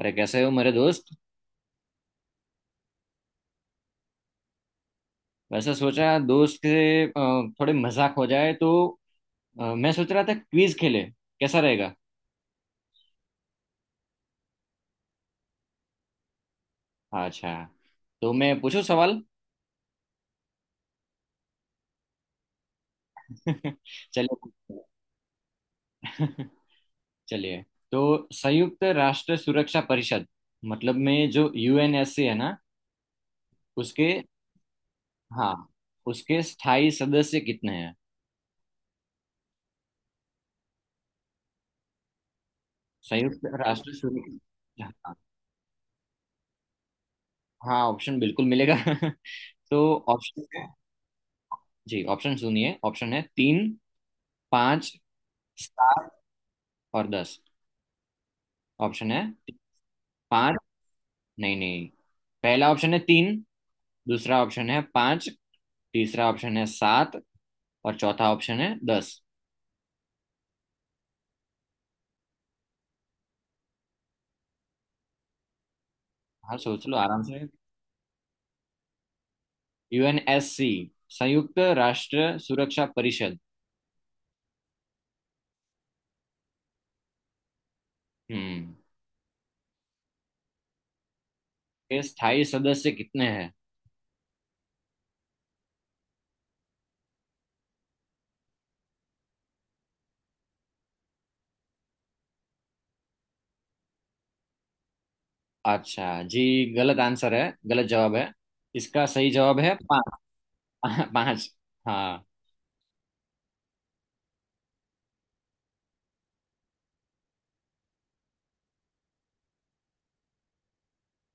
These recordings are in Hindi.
अरे कैसे हो मेरे दोस्त? वैसे सोचा दोस्त के थोड़े मजाक हो जाए तो। मैं सोच रहा था क्विज खेले, कैसा रहेगा? अच्छा। तो मैं पूछूं सवाल? चलिए पूछते हैं। चलिए। तो संयुक्त राष्ट्र सुरक्षा परिषद, मतलब में जो यूएनएससी है ना, उसके, हाँ, उसके स्थायी सदस्य कितने हैं? संयुक्त राष्ट्र सुरक्षा, हाँ। हाँ, ऑप्शन बिल्कुल मिलेगा। तो ऑप्शन। जी, ऑप्शन सुनिए। ऑप्शन है तीन, पाँच, सात और 10। ऑप्शन है पांच। नहीं नहीं, पहला ऑप्शन है तीन। दूसरा ऑप्शन है पांच। तीसरा ऑप्शन है सात। और चौथा ऑप्शन है 10। हाँ, सोच लो आराम से। यूएनएससी, संयुक्त राष्ट्र सुरक्षा परिषद। हम्म। के स्थायी सदस्य कितने हैं? अच्छा। जी, गलत आंसर है, गलत जवाब है। इसका सही जवाब है पाँच। पाँच। हाँ।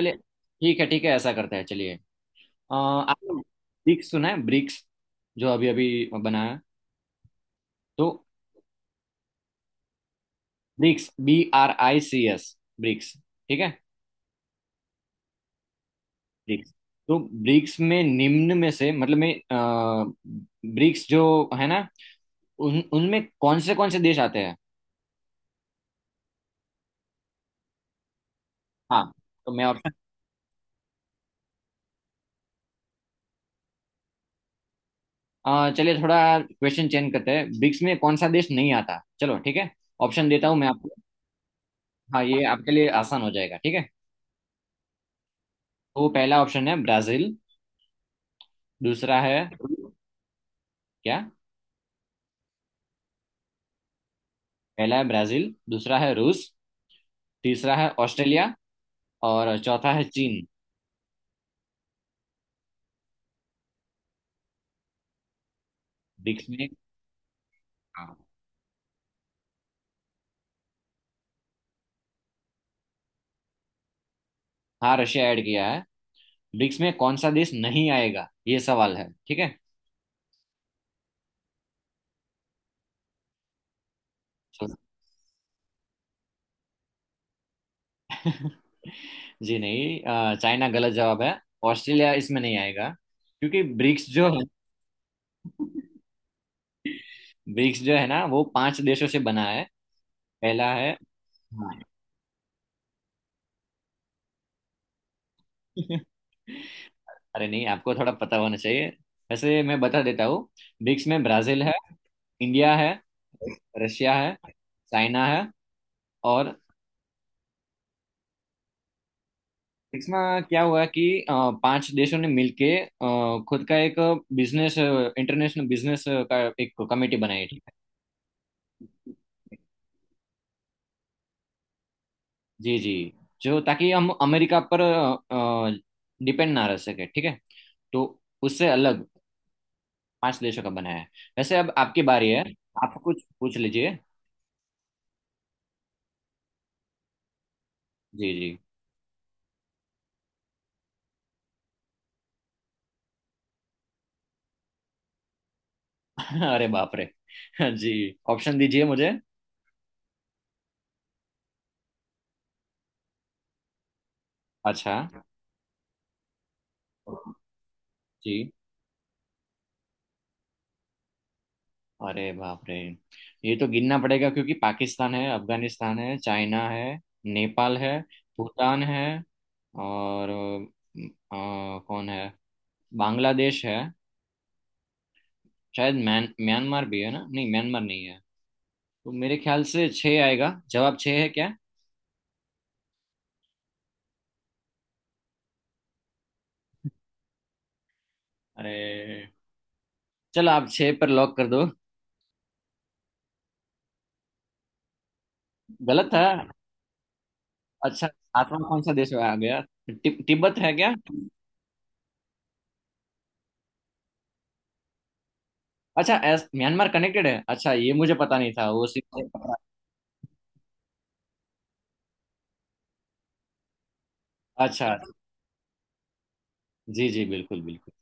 चलिए, ठीक है ठीक है, ऐसा करते हैं। चलिए। आपने ब्रिक्स सुना है? ब्रिक्स जो अभी अभी बनाया है? तो BRICS, B R I C S, BRICS, ठीक है। ब्रिक्स। तो ब्रिक्स में निम्न में से, मतलब में ब्रिक्स जो है ना, उन उनमें कौन से देश आते हैं? हाँ। तो मैं ऑप्शन। चलिए थोड़ा क्वेश्चन चेंज करते हैं। ब्रिक्स में कौन सा देश नहीं आता, चलो ठीक है। ऑप्शन देता हूँ मैं आपको। हाँ, ये आपके लिए आसान हो जाएगा, ठीक है। तो पहला ऑप्शन है ब्राजील, दूसरा है क्या। पहला है ब्राजील, दूसरा है रूस, तीसरा है ऑस्ट्रेलिया, और चौथा है चीन। ब्रिक्स में। हाँ हाँ, रशिया ऐड किया है। ब्रिक्स में कौन सा देश नहीं आएगा, ये सवाल है, ठीक है। So- जी नहीं, चाइना गलत जवाब है। ऑस्ट्रेलिया इसमें नहीं आएगा, क्योंकि ब्रिक्स जो है ना, वो पांच देशों से बना है। पहला है। हाँ। अरे नहीं, आपको थोड़ा पता होना चाहिए। वैसे मैं बता देता हूँ, ब्रिक्स में ब्राजील है, इंडिया है, रशिया है, चाइना है, और। इसमें क्या हुआ कि अ, पांच देशों ने मिलके खुद का एक बिजनेस, इंटरनेशनल बिजनेस का एक कमेटी बनाई थी। जी जी। जो, ताकि हम अमेरिका पर डिपेंड ना रह सके, ठीक है। तो उससे अलग पांच देशों का बनाया है। वैसे अब आपकी बारी है, आप कुछ पूछ लीजिए। जी जी। अरे बाप रे। जी, ऑप्शन दीजिए मुझे। अच्छा जी। अरे बाप रे, ये तो गिनना पड़ेगा, क्योंकि पाकिस्तान है, अफगानिस्तान है, चाइना है, नेपाल है, भूटान है, और कौन है, बांग्लादेश है। शायद म्यान म्यांमार भी है ना, नहीं म्यांमार नहीं है। तो मेरे ख्याल से छः आएगा जवाब, छः है क्या? अरे, चलो आप छः पर लॉक कर दो। गलत है? अच्छा, सातवां कौन सा देश आ गया? तिब्बत है क्या? अच्छा, एस, म्यांमार कनेक्टेड है, अच्छा ये मुझे पता नहीं था, वो सिर्फ। अच्छा जी जी, बिल्कुल बिल्कुल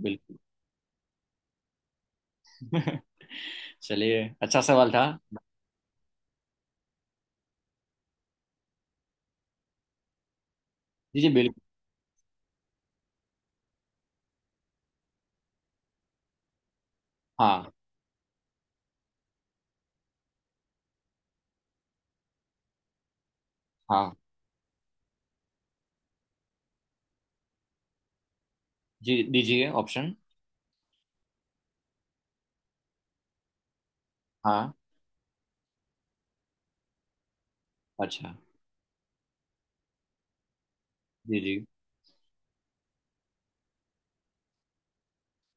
बिल्कुल। चलिए, अच्छा सवाल था। जी जी बिल्कुल। हाँ हाँ। जी, दीजिए ऑप्शन। हाँ, अच्छा जी जी।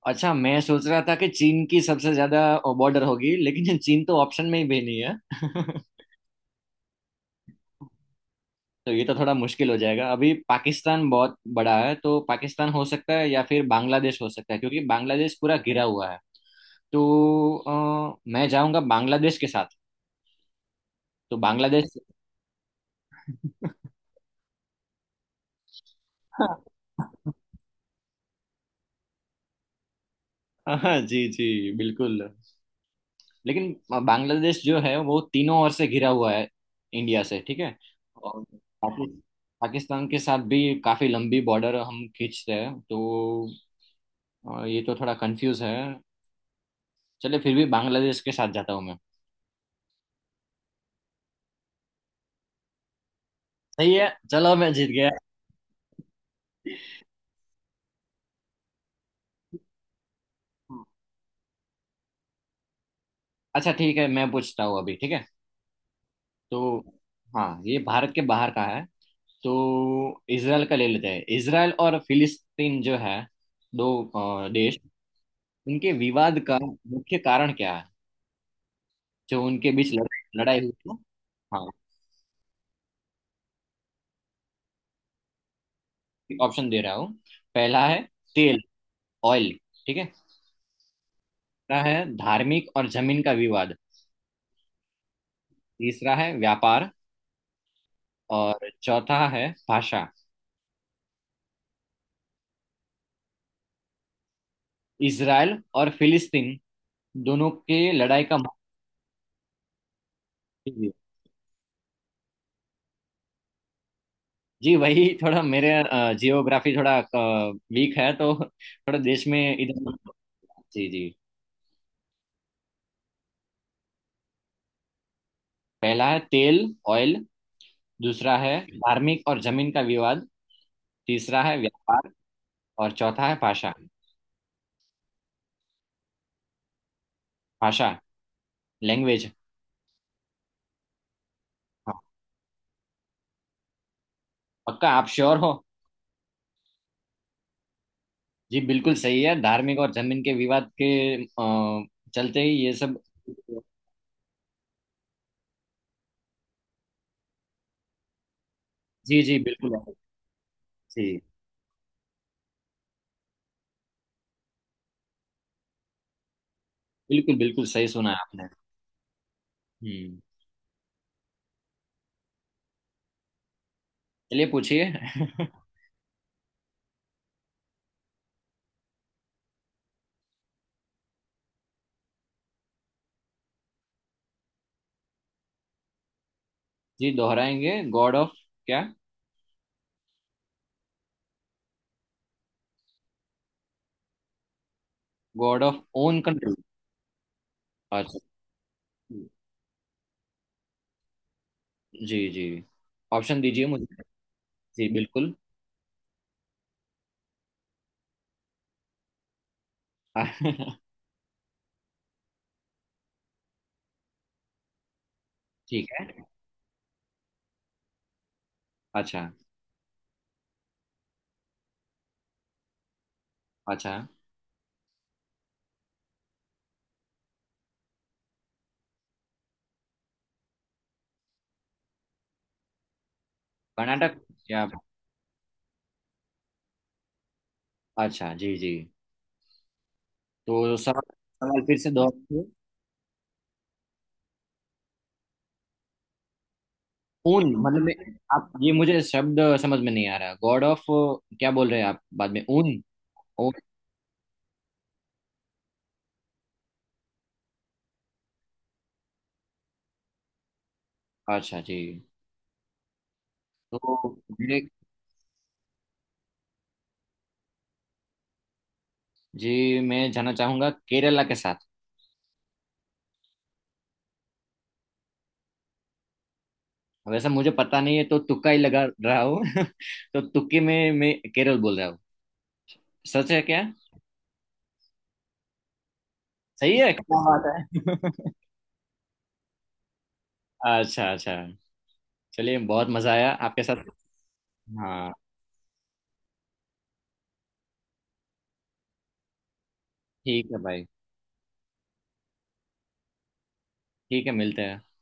अच्छा, मैं सोच रहा था कि चीन की सबसे ज्यादा बॉर्डर होगी, लेकिन चीन तो ऑप्शन में ही भी नहीं है। तो ये तो थोड़ा मुश्किल हो जाएगा। अभी पाकिस्तान बहुत बड़ा है, तो पाकिस्तान हो सकता है या फिर बांग्लादेश हो सकता है, क्योंकि बांग्लादेश पूरा घिरा हुआ है। तो मैं जाऊंगा बांग्लादेश के साथ। तो बांग्लादेश। हाँ, जी जी बिल्कुल। लेकिन बांग्लादेश जो है, वो तीनों ओर से घिरा हुआ है इंडिया से, ठीक है। और पाकिस्तान के साथ भी काफी लंबी बॉर्डर हम खींचते हैं, तो ये तो थोड़ा कंफ्यूज है। चलिए फिर भी बांग्लादेश के साथ जाता हूँ मैं। सही है। चलो मैं जीत गया। अच्छा ठीक है, मैं पूछता हूँ अभी, ठीक है। तो, हाँ, ये भारत के बाहर का है। तो इसराइल का ले लेते हैं। इसराइल और फिलिस्तीन जो है, दो देश, उनके विवाद का मुख्य कारण क्या है, जो उनके बीच लड़ाई लड़ाई हुई थी? हाँ, ऑप्शन दे रहा हूँ। पहला है तेल, ऑयल, ठीक है। दूसरा है धार्मिक और जमीन का विवाद। तीसरा है व्यापार। और चौथा है भाषा। इसराइल और फिलिस्तीन दोनों के लड़ाई का मुख्य भी है। जी, वही थोड़ा मेरे जियोग्राफी थोड़ा वीक है, तो थोड़ा देश में इधर। जी जी। पहला है तेल, ऑयल। दूसरा है धार्मिक और जमीन का विवाद। तीसरा है व्यापार। और चौथा है भाषा। भाषा, लैंग्वेज। हाँ। पक्का, आप श्योर हो? जी बिल्कुल सही है, धार्मिक और जमीन के विवाद के अ, चलते ही ये सब। जी जी बिल्कुल है। जी बिल्कुल, बिल्कुल सही सुना है आपने। हम्म चलिए पूछिए। जी, दोहराएंगे, गॉड ऑफ क्या? गॉड ऑफ ओन कंट्री, अच्छा जी जी। ऑप्शन दीजिए मुझे। जी बिल्कुल। ठीक है, अच्छा अच्छा। कर्नाटक या? अच्छा जी जी। तो सवाल, सवाल फिर से दोहराइए। ओन मतलब? मैं, आप ये मुझे शब्द समझ में नहीं आ रहा, गॉड ऑफ क्या बोल रहे हैं आप, बाद में ओन, ओ अच्छा जी। तो जी जी, मैं जाना चाहूंगा केरला के साथ। वैसे मुझे पता नहीं है, तो तुक्का ही लगा रहा हूँ। तो तुक्के में मैं केरल बोल रहा हूँ। सच है क्या? सही है? क्या बात है। अच्छा अच्छा। चलिए, बहुत मजा आया आपके साथ। हाँ, ठीक है भाई। ठीक है, मिलते हैं।